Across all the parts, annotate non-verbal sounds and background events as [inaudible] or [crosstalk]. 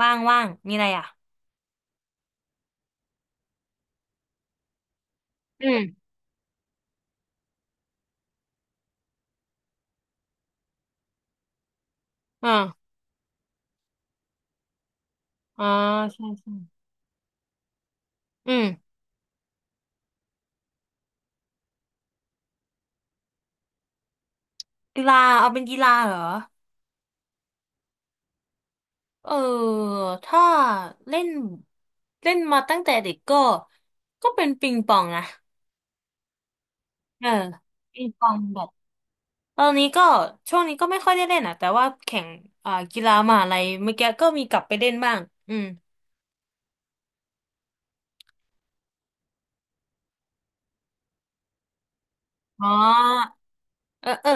ว่างว่างมีอะไรอ่ะอืมอ่าอ่าใช่ใช่อืมกีฬาเอาเป็นกีฬาเหรอเออถ้าเล่นเล่นมาตั้งแต่เด็กก็เป็นปิงปองนะเออปิงปองแบบตอนนี้ก็ช่วงนี้ก็ไม่ค่อยได้เล่นอ่ะแต่ว่าแข่งอ่ากีฬามหาลัยเมื่อกี้ก็มีกลับไปเล่นบ้างอืมอ๋อเออเออ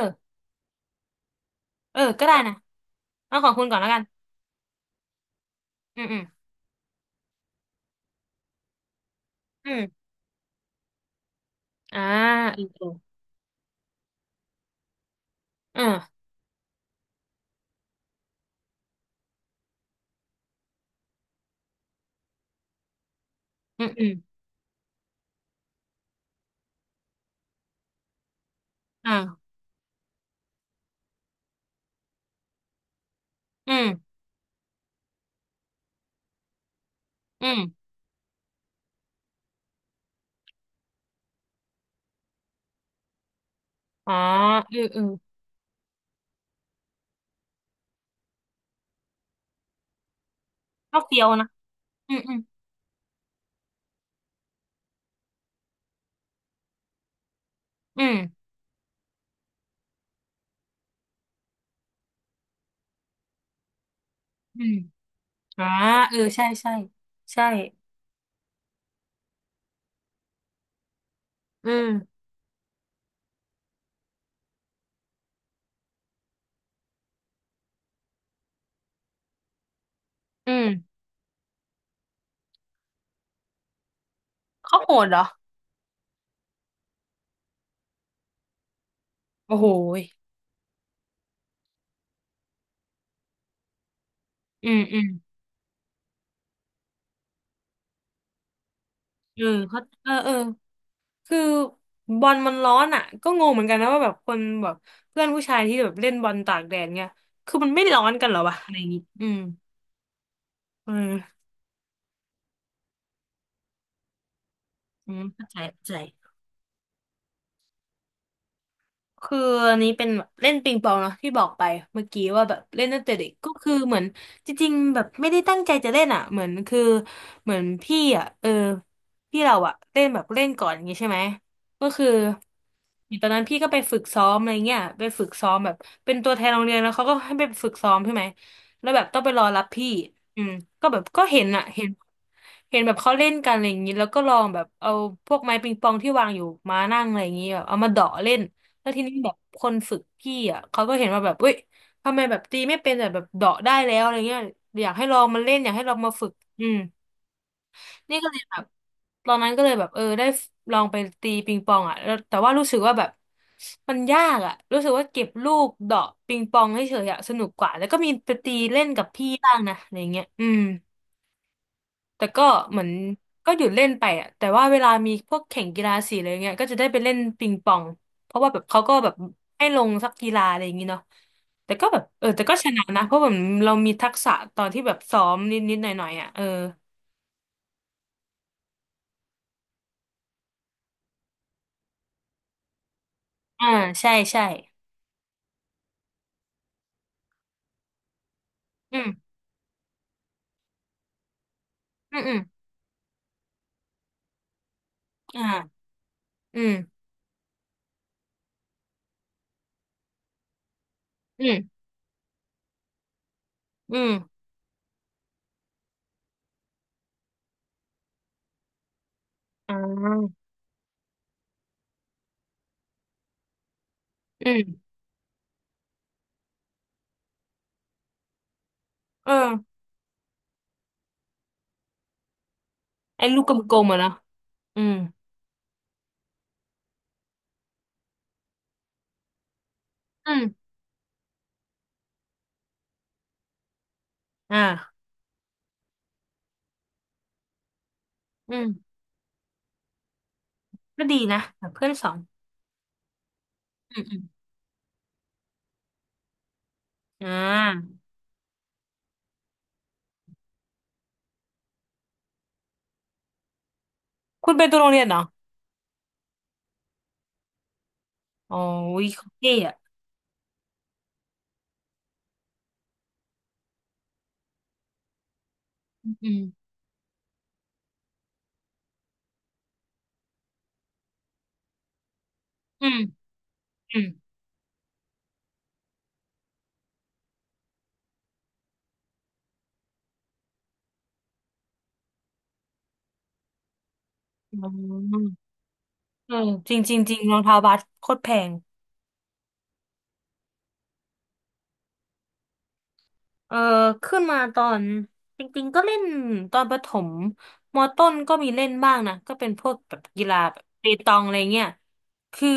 เออก็ได้นะเอาของคุณก่อนแล้วกันอืมอืมอืมอ่าอมอมอมอ่าอืมอืม อ๋อเออเออก็เฟี้ยวนะอืมอืมอืมอืมอ่าเออใช่ใช่ใช่อืมอืมเขาโหดเหรอโอ้โหยอืมอืมเออเขาเออเออคือบอลมันร้อนอ่ะก็งงเหมือนกันนะว่าแบบคนแบบเพื่อนผู้ชายที่แบบเล่นบอลตากแดดเนี่ยคือมันไม่ร้อนกันเหรอวะอะไรอย่างงี้อืมเอออืมเข้าใจเข้าใจ คืออันนี้เป็นเล่นปิงปองเนาะที่บอกไปเมื่อกี้ว่าแบบเล่นตั้งแต่เด็กก็คือเหมือนจริงๆแบบไม่ได้ตั้งใจจะเล่นอ่ะเหมือนคือเหมือนพี่อ่ะเออพี่เราอ่ะเล่นแบบเล่นก่อนอย่างงี้ใช่ไหมก็คือตอนนั้นพี่ก็ไปฝึกซ้อมอะไรเงี้ยไปฝึกซ้อมแบบเป็นตัวแทนโรงเรียนแล้วเขาก็ให้ไปฝึกซ้อมใช่ไหมแล้วแบบต้องไปรอรับพี่อืมก็แบบก็เห็นอ่ะเห็นแบบเขาเล่นกันอะไรอย่างงี้แล้วก็ลองแบบเอาพวกไม้ปิงปองที่วางอยู่มานั่งอะไรอย่างงี้แบบเอามาเดาะเล่น แล้วทีนี้แบบคนฝึกพี่อ่ะเขาก็เห็นว่าแบบเว้ยทำไมแบบตีไม่เป็นแต่แบบเดาะได้แล้วอะไรเงี้ยอยากให้ลองมาเล่นอยากให้ลองมาฝึกอืมนี่ก็เลยแบบตอนนั้นก็เลยแบบเออได้ลองไปตีปิงปองอ่ะแล้วแต่ว่ารู้สึกว่าแบบมันยากอ่ะรู้สึกว่าเก็บลูกเดาะปิงปองให้เฉยๆอะสนุกกว่าแล้วก็มีไปตีเล่นกับพี่บ้างนะอะไรเงี้ยอืม แต่ก็เหมือนก็หยุดเล่นไปอะแต่ว่าเวลามีพวกแข่งกีฬาสีอะไรเงี้ยก็จะได้ไปเล่นปิงปองเพราะว่าแบบเขาก็แบบให้ลงสักกีฬาอะไรอย่างงี้เนาะแต่ก็แบบเออแต่ก็ชนะนะเพราะแบบเรามีทักษะตอนที่แบบซ้อมนิดๆหน่อยๆอ่ะเอออ่าใช่ใช่อืมอืมอืมอ่าอืมอืมอืมอ่าอืมเออไอ้ลูกกลมๆอะเนาะอืมอืมอ่าอืมก็ดีนะแบบเพื่อนสอนอืมอืมอ่าคุณเป็นตัวโรงเรียนเหรอ อ๋อวิเขาเท่อะอืมอืมอืมอืมเออจริงจริงจริงรองเท้าบาสโคตรแพงเออขึ้นมาตอนจริงๆก็เล่นตอนประถมมอต้นก็มีเล่นบ้างนะก็เป็นพวกแบบกีฬาแบบเปตองอะไรเงี้ยคือ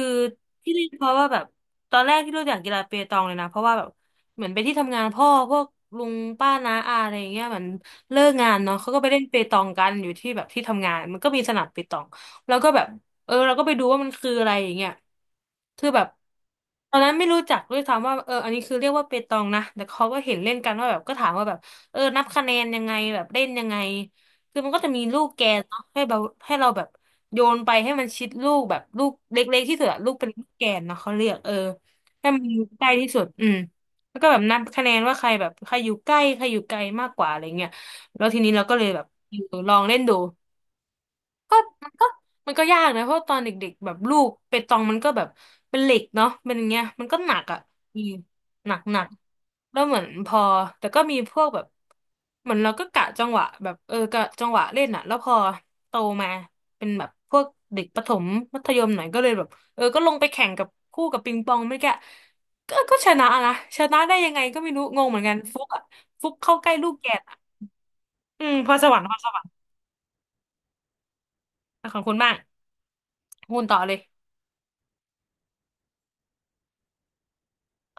ที่เล่นเพราะว่าแบบตอนแรกที่รู้จักกีฬาเปตองเลยนะเพราะว่าแบบเหมือนไปที่ทำงานพ่อพวกลุงป้าน้าอาอะไรเงี้ยเหมือนเลิกงานเนาะเขาก็ไปเล่นเปตองกันอยู่ที่แบบที่ทำงานมันก็มีสนามเปตองแล้วก็แบบ เออเราก็ไปดูว่ามันคืออะไรอย่างเงี้ยคือแบบตอนนั้นไม่รู้จักด้วยซ้ำว่าเอออันนี้คือเรียกว่าเปตองนะแต่เขาก็เห็นเล่นกันว่าแบบก็ถามว่าแบบเออนับคะแนนยังไงแบบเล่นยังไงคือมันก็จะมีลูกแกนเนาะให้เราแบบโยนไปให้มันชิดลูกแบบลูกเล็กๆที่สุดอะลูกเป็นลูกแกนเนาะเขาเรียกเออให้มันอยู่ใกล้ที่สุดอืมแล้วก็แบบนับคะแนนว่าใครแบบใครอยู่ใกล้ใครอยู่ไกลมากกว่าอะไรเงี้ยแล้วทีนี้เราก็เลยแบบเออลองเล่นดู ก็มันก็ยากนะเพราะตอนเด็กๆแบบลูกเปตองมันก็แบบเป็นเหล็กเนาะเป็นอย่างเงี้ยมันก็หนักอ่ะอืมหนักหนักแล้วเหมือนพอแต่ก็มีพวกแบบเหมือนเราก็กะจังหวะแบบเออกะจังหวะเล่นอ่ะแล้วพอโตมาเป็นแบบพวกเด็กประถมมัธยมหน่อยก็เลยแบบเออก็ลงไปแข่งกับคู่กับปิงปองไม่แกะก็ชนะนะชนะได้ยังไงก็ไม่รู้งงเหมือนกันฟุกอ่ะฟุกเข้าใกล้ลูกแกนอะอืมพอสวรรค์พอสวรรค์อ่ะของคุณบ้างคุณต่อเลย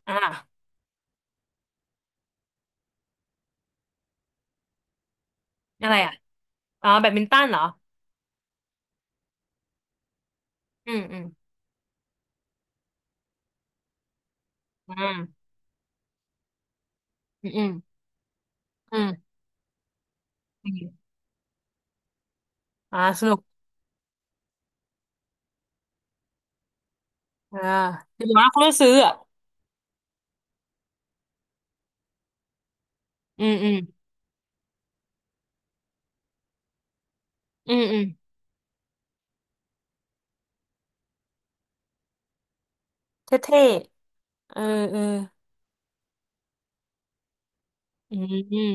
อ่า อะไรอ่ะอ๋อแบดมินตันเหรออืมอืมอืมอืมอืมอืมอืมอ่าสนุกอ่าเดี๋ยวนะเขาต้องซื้ออ่ะอืมอืมอืมอืมเท่ๆเออเอออืมอืม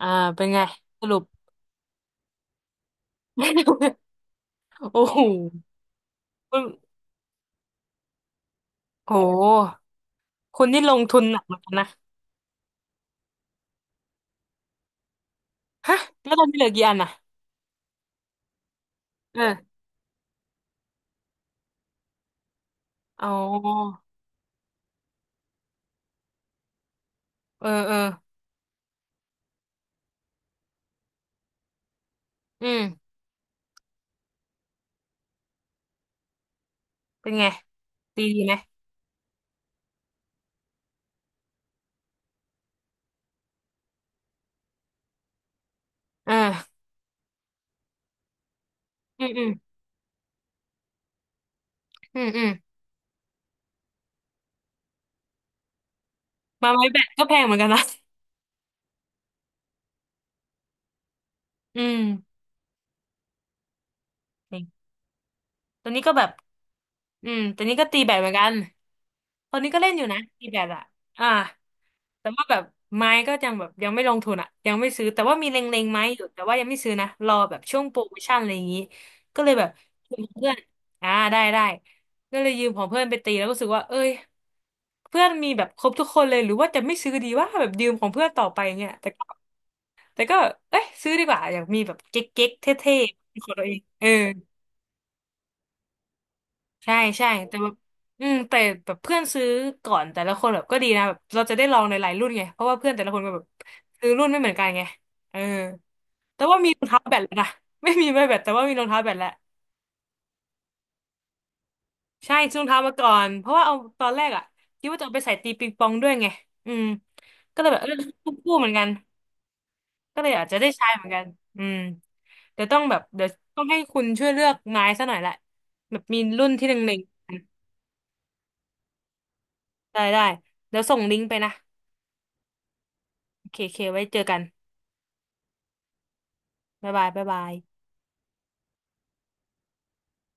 อ่าเป็นไงสรุป [laughs] โอ้โหคุณโหคุณนี่ลงทุนหนักเหมือนกันนะฮะแล้วตอนนี้เหลือกี่อันน่ะเอออ๋อเออเอออืมเป็นไงดีดีไหมเอออืมอืมอืมอืมมาไม้แบตก็แพงเหมือนกันนะอืม ตอนนี้ก็แบบตอนนี้ก็ตีแบดเหมือนกันตอนนี้ก็เล่นอยู่นะ ตีแบดอ่ะอ่าแต่ว่าแบบไม้ก็ยังแบบยังไม่ลงทุนอ่ะยังไม่ซื้อแต่ว่ามีเล็งๆไม้อยู่แต่ว่ายังไม่ซื้อนะรอแบบช่วงโปรโมชั่นอะไรอย่างนี้ก็เลยแบบยืมเพื่อนอ่าได้ได้ก็เลยยืมของเพื่อนไปตีแล้วก็รู้สึกว่าเอ้ยเพื่อนมีแบบครบทุกคนเลยหรือว่าจะไม่ซื้อดีว่าแบบยืมของเพื่อนต่อไปอย่างเงี้ยแต่ก็เอ้ยซื้อดีกว่าอยากมีแบบเก๊กๆเท่ๆเป็นของตัวเองเออ ใช่ใช่แต่แบบเพื่อนซื้อก่อนแต่ละคนแบบก็ดีนะแบบเราจะได้ลองหลายๆรุ่นไงเพราะว่าเพื่อนแต่ละคนก็แบบซื้อรุ่นไม่เหมือนกันไงเออแต่ว่ามีรองเท้าแบตแล้วนะ [laughs] ไม่มีไม่แบตแต่ว่ามีรองเท้าแบตแล้วใช่ซื้อรองเท้ามาก่อนเพราะว่าเอาตอนแรกอ่ะคิดว่าจะเอาไปใส่ตีปิงปองด้วยไงอืมก็เลยแบบเออคู่ๆเหมือนกันก็เลยอาจจะได้ใช้เหมือนกันอืมเดี๋ยวต้องให้คุณช่วยเลือกไม้ซะหน่อยละแบบมีรุ่นที่หนึ่งหนึ่งได้ได้เดี๋ยวส่งลิงก์ไปนะ โอเคโอเคไว้เจอกันบ๊ายบายบ๊ายบาย